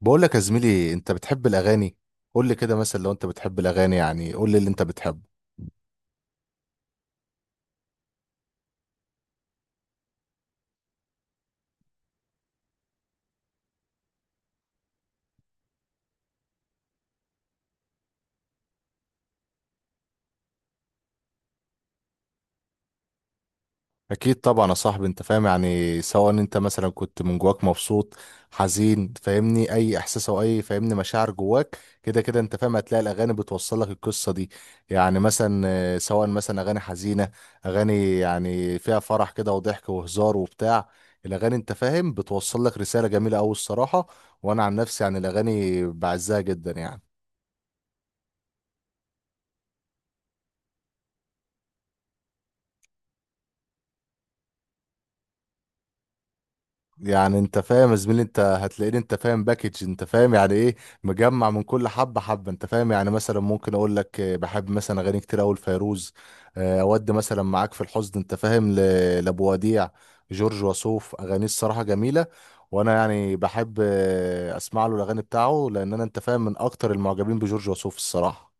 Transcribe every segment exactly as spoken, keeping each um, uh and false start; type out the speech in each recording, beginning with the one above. بقول لك يا زميلي، انت بتحب الاغاني؟ قول لي كده مثلا، لو انت بتحب الاغاني، يعني قول لي اللي انت بتحبه. اكيد طبعا يا صاحبي، انت فاهم يعني، سواء انت مثلا كنت من جواك مبسوط، حزين، فاهمني، اي احساس او اي فاهمني مشاعر جواك، كده كده انت فاهم هتلاقي الاغاني بتوصل لك القصه دي. يعني مثلا آه، سواء مثلا اغاني حزينه، اغاني يعني فيها فرح كده وضحك وهزار وبتاع. الاغاني انت فاهم بتوصل لك رساله جميله قوي الصراحه. وانا عن نفسي يعني الاغاني بعزها جدا يعني. يعني انت فاهم يا زميلي، انت هتلاقيني انت فاهم باكج، انت فاهم يعني ايه، مجمع من كل حبه حبه. انت فاهم يعني مثلا ممكن اقول لك اه، بحب مثلا اغاني كتير اوي لفيروز. اه، اودي مثلا معاك في الحزن انت فاهم ل- لابو وديع. جورج وسوف اغانيه الصراحه جميله، وانا يعني بحب اه، اسمع له الاغاني بتاعه، لان انا انت فاهم من اكتر المعجبين بجورج وسوف الصراحه.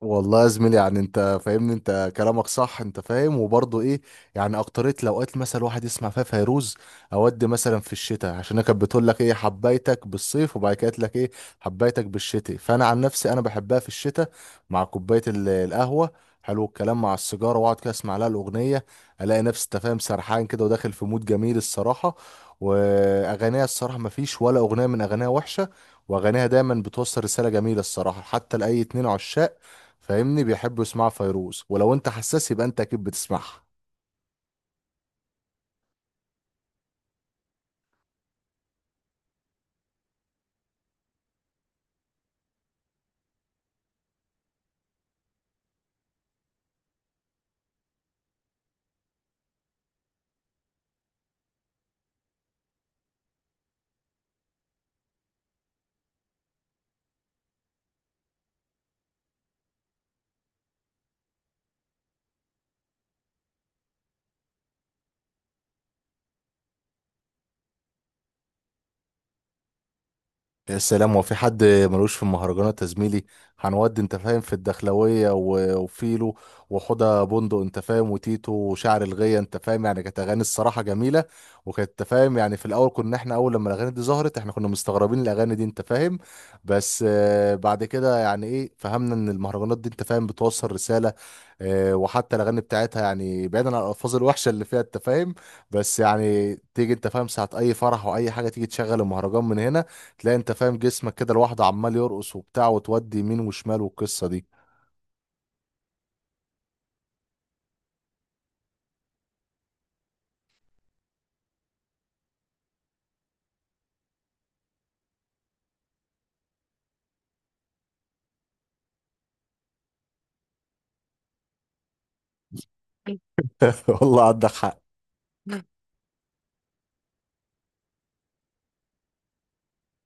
والله يا زميلي، يعني انت فاهمني، انت كلامك صح انت فاهم، وبرضه ايه، يعني اكتريت الاوقات مثلا الواحد يسمع فيها فيروز اودي مثلا في الشتاء، عشان هي كانت بتقول لك ايه، حبيتك بالصيف، وبعد كده قالت لك ايه، حبيتك بالشتاء. فانا عن نفسي انا بحبها في الشتاء، مع كوبايه ال- القهوه، حلو الكلام مع السيجاره، واقعد كده اسمع لها الاغنيه، الاقي نفسي انت فاهم سرحان كده وداخل في مود جميل الصراحه. واغانيها الصراحه ما فيش ولا اغنيه من اغانيها وحشه، واغانيها دايما بتوصل رساله جميله الصراحه، حتى لاي اتنين عشاق فاهمني بيحبوا يسمعوا فيروز، ولو انت حساس يبقى انت اكيد بتسمعها. يا سلام، وفي حد ملوش في المهرجانات يا زميلي؟ هنودي انت فاهم في الدخلوية و- وفيلو وحوضة بندق، انت فاهم وتيتو وشعر الغية. انت فاهم يعني كانت اغاني الصراحة جميلة، وكانت انت فاهم يعني في الاول، كنا احنا اول لما الاغاني دي ظهرت احنا كنا مستغربين الاغاني دي انت فاهم، بس آه، بعد كده يعني ايه، فهمنا ان المهرجانات دي انت فاهم بتوصل رسالة. آه، وحتى الاغاني بتاعتها يعني بعيدا عن الالفاظ الوحشة اللي فيها انت فاهم، بس يعني تيجي انت فاهم ساعة اي فرح واي حاجة، تيجي تشغل المهرجان من هنا، تلاقي انت فاهم جسمك كده لوحده عمال يرقص وبتاع، وتودي يمين وشمال، والقصه دي. والله عندك حق.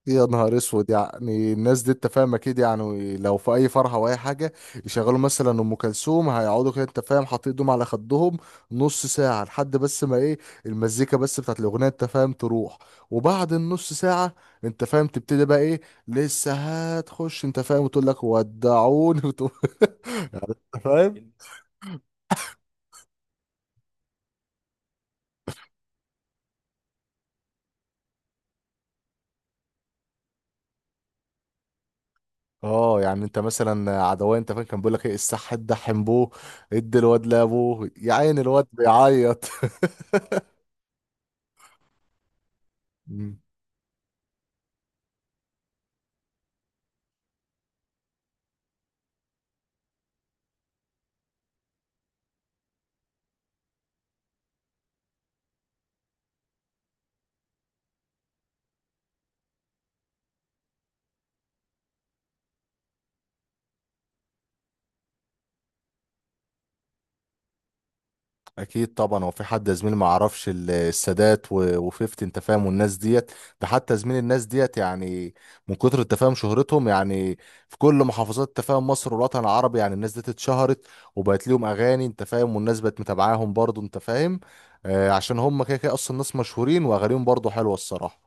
يا نهار اسود، يعني الناس دي انت فاهم اكيد، يعني لو في اي فرحه او اي حاجه يشغلوا مثلا ام كلثوم، هيقعدوا كده انت فاهم حاطين ايدهم على خدهم نص ساعه، لحد بس ما ايه، المزيكا بس بتاعت الاغنيه انت فاهم تروح، وبعد النص ساعه انت فاهم تبتدي بقى ايه، لسه هتخش انت فاهم وتقول لك ودعوني وتقول. فاهم. اه يعني انت مثلا عدوان انت فاكر، كان بيقول لك ايه الصح، ادحم بوه، ادي الواد لابوه يا عين الواد بيعيط. مم. اكيد طبعا، هو في حد يا زميلي ما يعرفش ال- السادات و- وفيفتي انت فاهم والناس ديت؟ ده حتى زميل الناس ديت يعني من كتر التفاهم شهرتهم، يعني في كل محافظات تفاهم مصر والوطن العربي، يعني الناس ديت اتشهرت وبقت ليهم اغاني انت فاهم، والناس بقت متابعاهم برضو انت فاهم. آه، عشان هم كده كده اصلا ناس مشهورين، واغانيهم برضو حلوه الصراحه.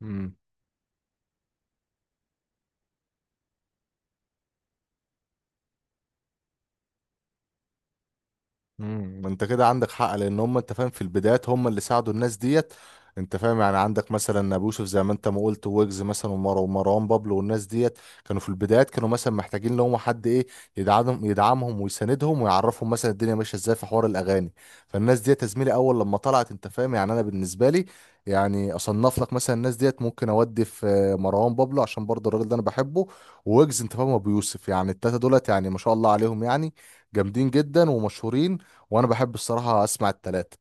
مم. امم انت كده عندك حق، لان هم انت فاهم في البدايات هم اللي ساعدوا الناس ديت. انت فاهم يعني عندك مثلا ابو يوسف، زي ما انت ما قلت، ويجز مثلا ومر- ومروان بابلو والناس ديت، كانوا في البدايات كانوا مثلا محتاجين لهم حد ايه، يدعمهم، يدعمهم ويساندهم، ويعرفهم مثلا الدنيا ماشيه ازاي في حوار الاغاني. فالناس ديت يا زميلي اول لما طلعت انت فاهم، يعني انا بالنسبه لي يعني اصنف لك مثلا الناس ديت، ممكن اودي في آه، مروان بابلو عشان برضه الراجل ده انا بحبه، ويجز انت فاهم، ابو يوسف. يعني التلاته دولت يعني ما شاء الله عليهم، يعني جامدين جدا ومشهورين، وانا بحب الصراحه اسمع التلاتة.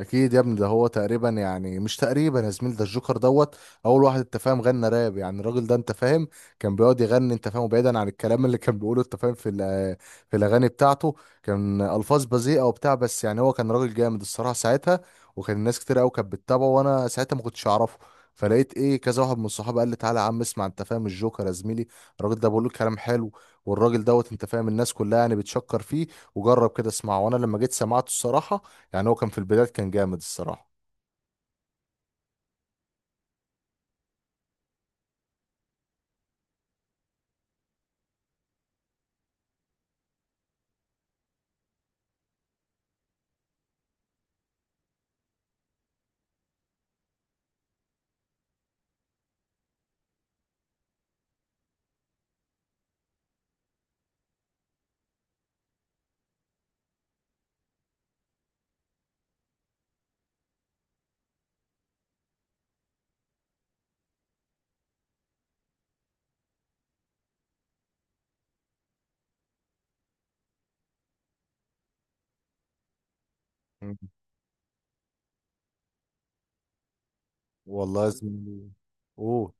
اكيد يا ابني، ده هو تقريبا، يعني مش تقريبا يا زميل، ده الجوكر دوت اول واحد انت فاهم غنى راب. يعني الراجل ده انت فاهم كان بيقعد يغني انت فاهم، بعيدا عن الكلام اللي كان بيقوله انت فاهم، في الأ- في الاغاني بتاعته كان الفاظ بذيئه وبتاع، بس يعني هو كان راجل جامد الصراحه ساعتها، وكان الناس كتير قوي كانت بتتابعه، وانا ساعتها ما كنتش اعرفه. فلقيت ايه، كذا واحد من صحابي قال لي تعالى يا عم اسمع انت فاهم الجوكر يا زميلي، الراجل ده بيقول لك كلام حلو، والراجل دوت انت فاهم الناس كلها يعني بتشكر فيه، وجرب كده اسمعه. وانا لما جيت سمعته الصراحه، يعني هو كان في البداية كان جامد الصراحة. مم. والله يا زميلي. قول.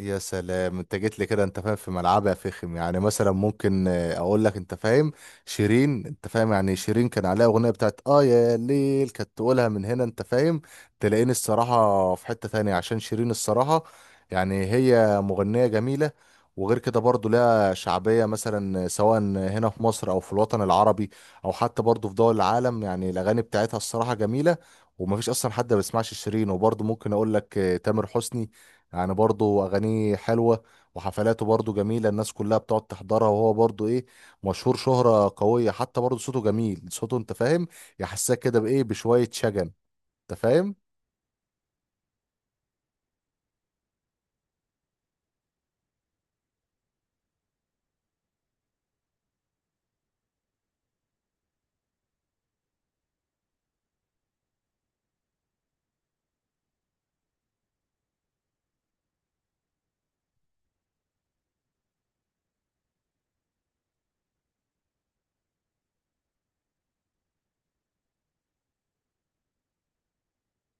يا سلام، انت جيت لي كده انت فاهم في ملعبي يا فخم. يعني مثلا ممكن اه، اقول لك انت فاهم شيرين. انت فاهم يعني شيرين كان عليها اغنيه بتاعت اه يا ليل كانت تقولها من هنا، انت فاهم تلاقيني الصراحه في حته تانية، عشان شيرين الصراحه يعني هي مغنيه جميله. وغير كده برضو لها شعبيه، مثلا سواء هنا في مصر او في الوطن العربي، او حتى برضو في دول العالم، يعني الاغاني بتاعتها الصراحه جميله، ومفيش اصلا حد ما بيسمعش شيرين. وبرضو ممكن اقول لك اه، تامر حسني، يعني برضه اغانيه حلوه، وحفلاته برضه جميله، الناس كلها بتقعد تحضرها، وهو برضه ايه، مشهور شهره قويه، حتى برضه صوته جميل، صوته انت فاهم يحسسك كده بايه، بشويه شجن انت فاهم.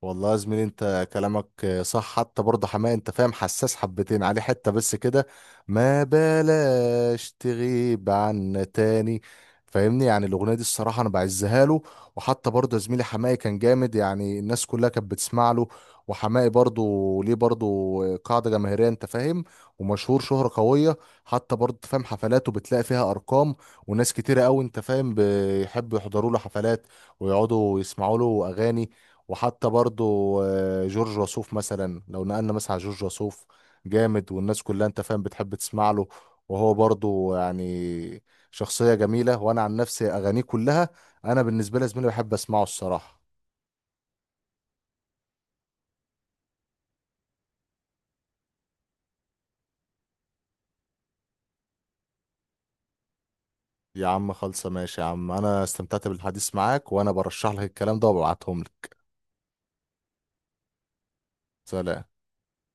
والله يا زميلي انت كلامك صح، حتى برضه حماقي انت فاهم حساس حبتين عليه حتة، بس كده ما بلاش تغيب عنا تاني فاهمني. يعني الاغنية دي الصراحة انا بعزها له. وحتى برضه يا زميلي حماقي كان جامد، يعني الناس كلها كانت بتسمع له، وحماقي برضه ليه برضه قاعدة جماهيرية انت فاهم، ومشهور شهرة قوية. حتى برضه أنت فاهم حفلاته بتلاقي فيها ارقام، وناس كتيرة قوي انت فاهم بيحبوا يحضروا له حفلات، ويقعدوا يسمعوا له اغاني. وحتى برضو آه، جورج وسوف، مثلا لو نقلنا مثلا على جورج وسوف، جامد، والناس كلها انت فاهم بتحب تسمع له. وهو برضو يعني شخصية جميلة، وانا عن نفسي اغانيه كلها، انا بالنسبة لي يا زميلي بحب اسمعه الصراحة. يا عم خلصة ماشي، يا عم انا استمتعت بالحديث معاك، وانا برشح لك الكلام ده وببعتهم لك. سلام.